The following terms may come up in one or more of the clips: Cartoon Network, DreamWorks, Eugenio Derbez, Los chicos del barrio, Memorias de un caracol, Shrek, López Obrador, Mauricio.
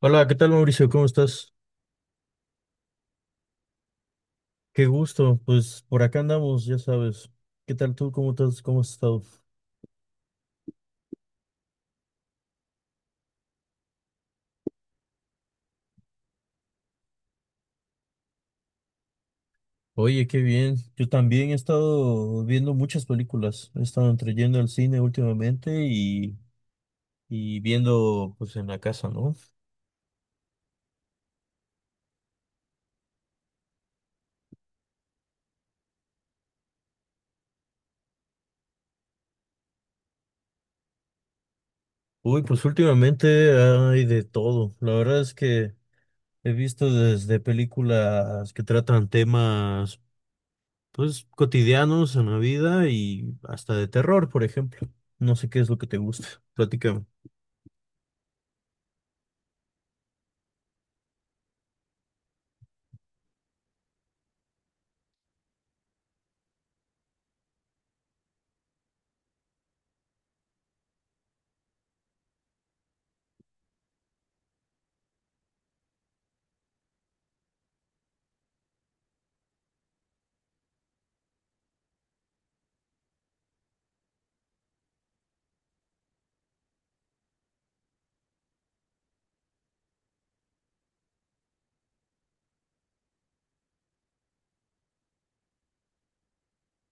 Hola, ¿qué tal Mauricio? ¿Cómo estás? Qué gusto. Pues por acá andamos, ya sabes. ¿Qué tal tú? ¿Cómo estás? ¿Cómo has estado? Oye, qué bien. Yo también he estado viendo muchas películas. He estado entre yendo al cine últimamente y viendo pues en la casa, ¿no? Uy, pues últimamente hay de todo. La verdad es que he visto desde películas que tratan temas pues cotidianos en la vida y hasta de terror, por ejemplo. No sé qué es lo que te gusta. Platícame.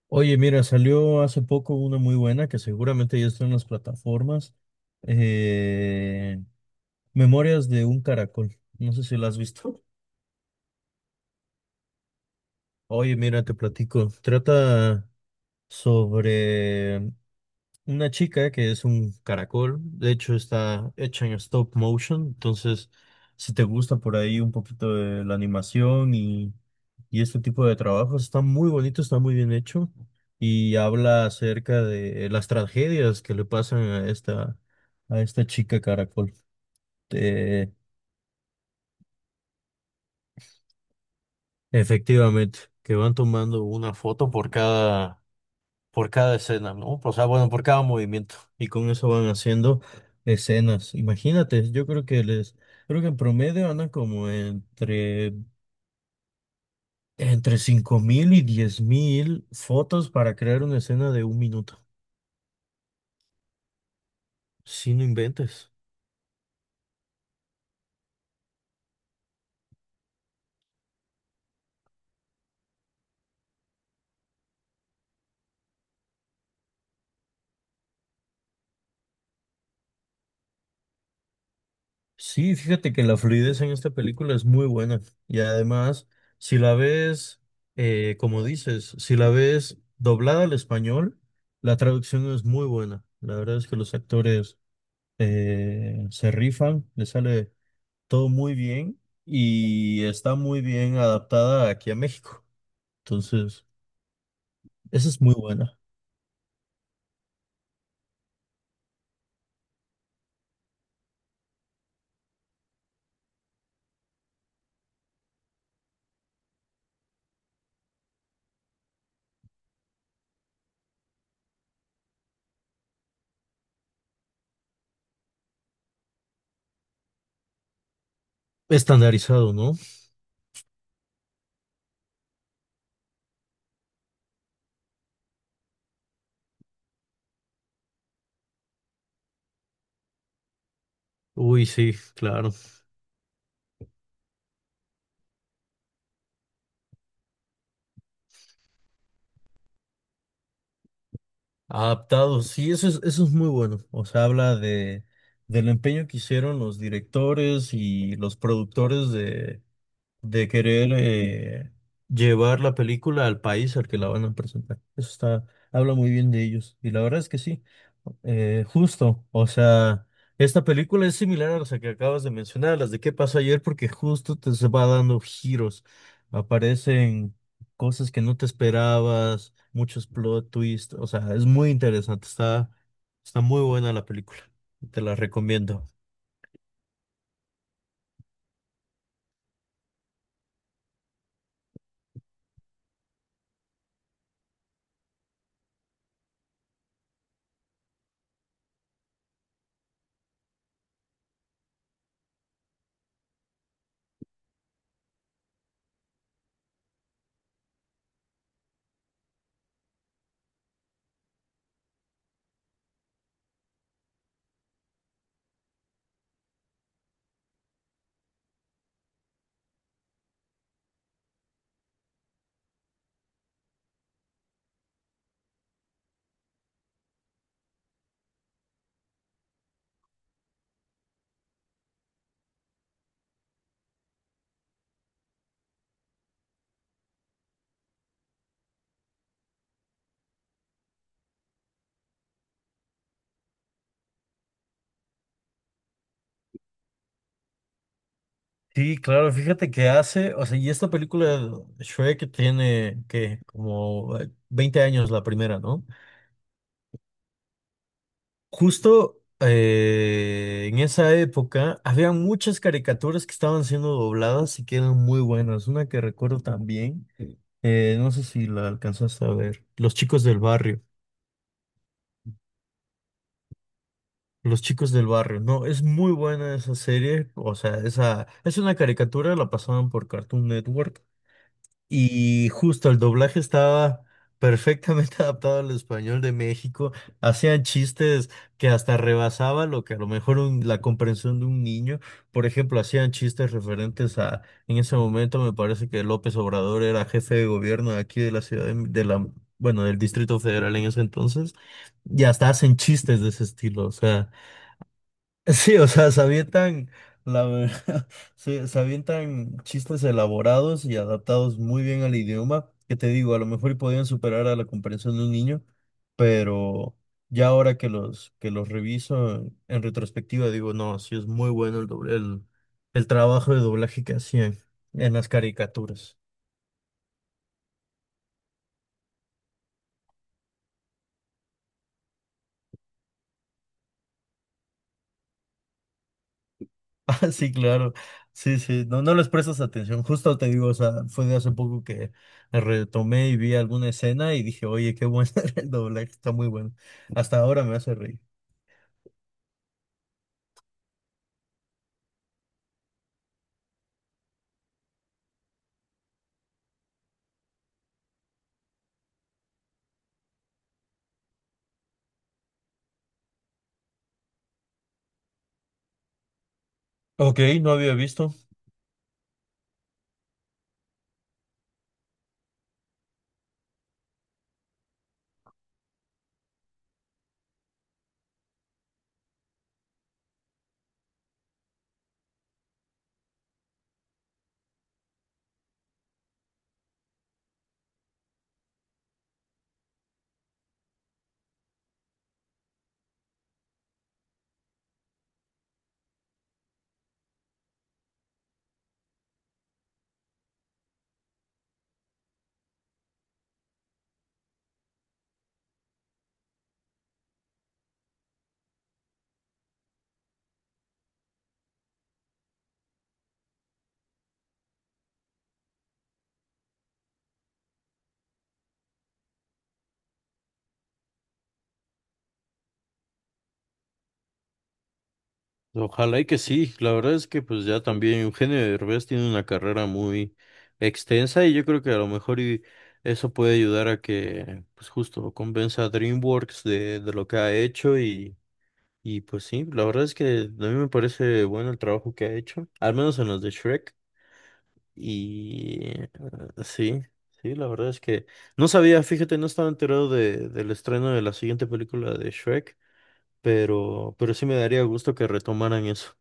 Oye, mira, salió hace poco una muy buena que seguramente ya está en las plataformas. eh, Memorias de un caracol. No sé si la has visto. Oye, mira, te platico. Trata sobre una chica que es un caracol, de hecho está hecha en stop motion, entonces si te gusta por ahí un poquito de la animación y este tipo de trabajos, está muy bonito, está muy bien hecho y habla acerca de las tragedias que le pasan a esta chica caracol. Eh, Efectivamente, que van tomando una foto por cada escena, ¿no? O sea, bueno, por cada movimiento. Y con eso van haciendo escenas. Imagínate, yo creo que les, creo que en promedio andan como entre 5.000 y 10.000 fotos para crear una escena de 1 minuto. Si no inventes. Sí, fíjate que la fluidez en esta película es muy buena. Y además, si la ves, como dices, si la ves doblada al español, la traducción es muy buena. La verdad es que los actores se rifan, le sale todo muy bien y está muy bien adaptada aquí a México. Entonces, esa es muy buena. Estandarizado, ¿no? Uy, sí, claro. Adaptado, sí, eso es muy bueno. O sea, habla de, del empeño que hicieron los directores y los productores de querer llevar la película al país al que la van a presentar. Eso está, habla muy bien de ellos. Y la verdad es que sí, justo. O sea, esta película es similar a las que acabas de mencionar, a las de qué pasó ayer, porque justo te se va dando giros. Aparecen cosas que no te esperabas, muchos plot twists. O sea, es muy interesante. Está, está muy buena la película. Te la recomiendo. Sí, claro, fíjate que hace, o sea, y esta película Shrek tiene que como 20 años la primera, ¿no? Justo en esa época había muchas caricaturas que estaban siendo dobladas y que eran muy buenas. Una que recuerdo también, no sé si la alcanzaste a ver, Los chicos del barrio. Los chicos del barrio, no, es muy buena esa serie, o sea, esa es una caricatura, la pasaban por Cartoon Network. Y justo el doblaje estaba perfectamente adaptado al español de México. Hacían chistes que hasta rebasaba lo que a lo mejor la comprensión de un niño. Por ejemplo, hacían chistes referentes a, en ese momento me parece que López Obrador era jefe de gobierno de aquí de la ciudad de la, bueno, del Distrito Federal en ese entonces. Y hasta hacen chistes de ese estilo. O sea. Sí, o sea, se avientan, la verdad, se avientan chistes elaborados y adaptados muy bien al idioma, que te digo, a lo mejor y podían superar a la comprensión de un niño, pero ya ahora que los reviso en retrospectiva, digo, no, sí es muy bueno el doble, el trabajo de doblaje que hacían en las caricaturas. Ah, sí, claro. Sí, sí, no, no les prestas atención. Justo te digo, o sea, fue de hace poco que retomé y vi alguna escena y dije, oye, qué bueno el doblaje, está muy bueno. Hasta ahora me hace reír. Ok, no había visto. Ojalá y que sí, la verdad es que pues ya también Eugenio Derbez tiene una carrera muy extensa y yo creo que a lo mejor y eso puede ayudar a que pues justo convenza a DreamWorks de lo que ha hecho. Y pues sí, la verdad es que a mí me parece bueno el trabajo que ha hecho, al menos en los de Shrek. Y sí, sí, la verdad es que... no sabía, fíjate, no estaba enterado de, del estreno de la siguiente película de Shrek, pero sí me daría gusto que retomaran eso.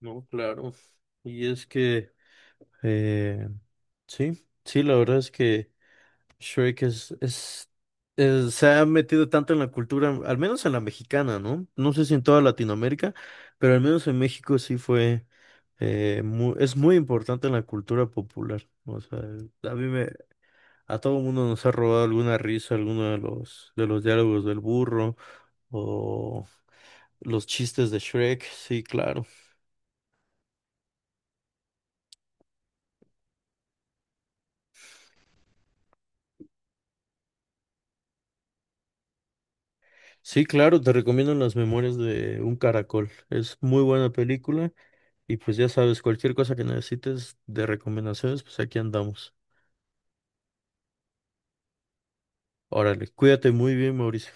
No, claro. Y es que, eh, sí, sí, la verdad es que... Shrek es, se ha metido tanto en la cultura, al menos en la mexicana, ¿no? No sé si en toda Latinoamérica, pero al menos en México sí fue, es muy importante en la cultura popular. O sea, a mí me, a todo mundo nos ha robado alguna risa, alguno de los diálogos del burro o los chistes de Shrek. Sí, claro. Sí, claro, te recomiendo Las Memorias de un Caracol. Es muy buena película. Y pues ya sabes, cualquier cosa que necesites de recomendaciones, pues aquí andamos. Órale, cuídate muy bien, Mauricio.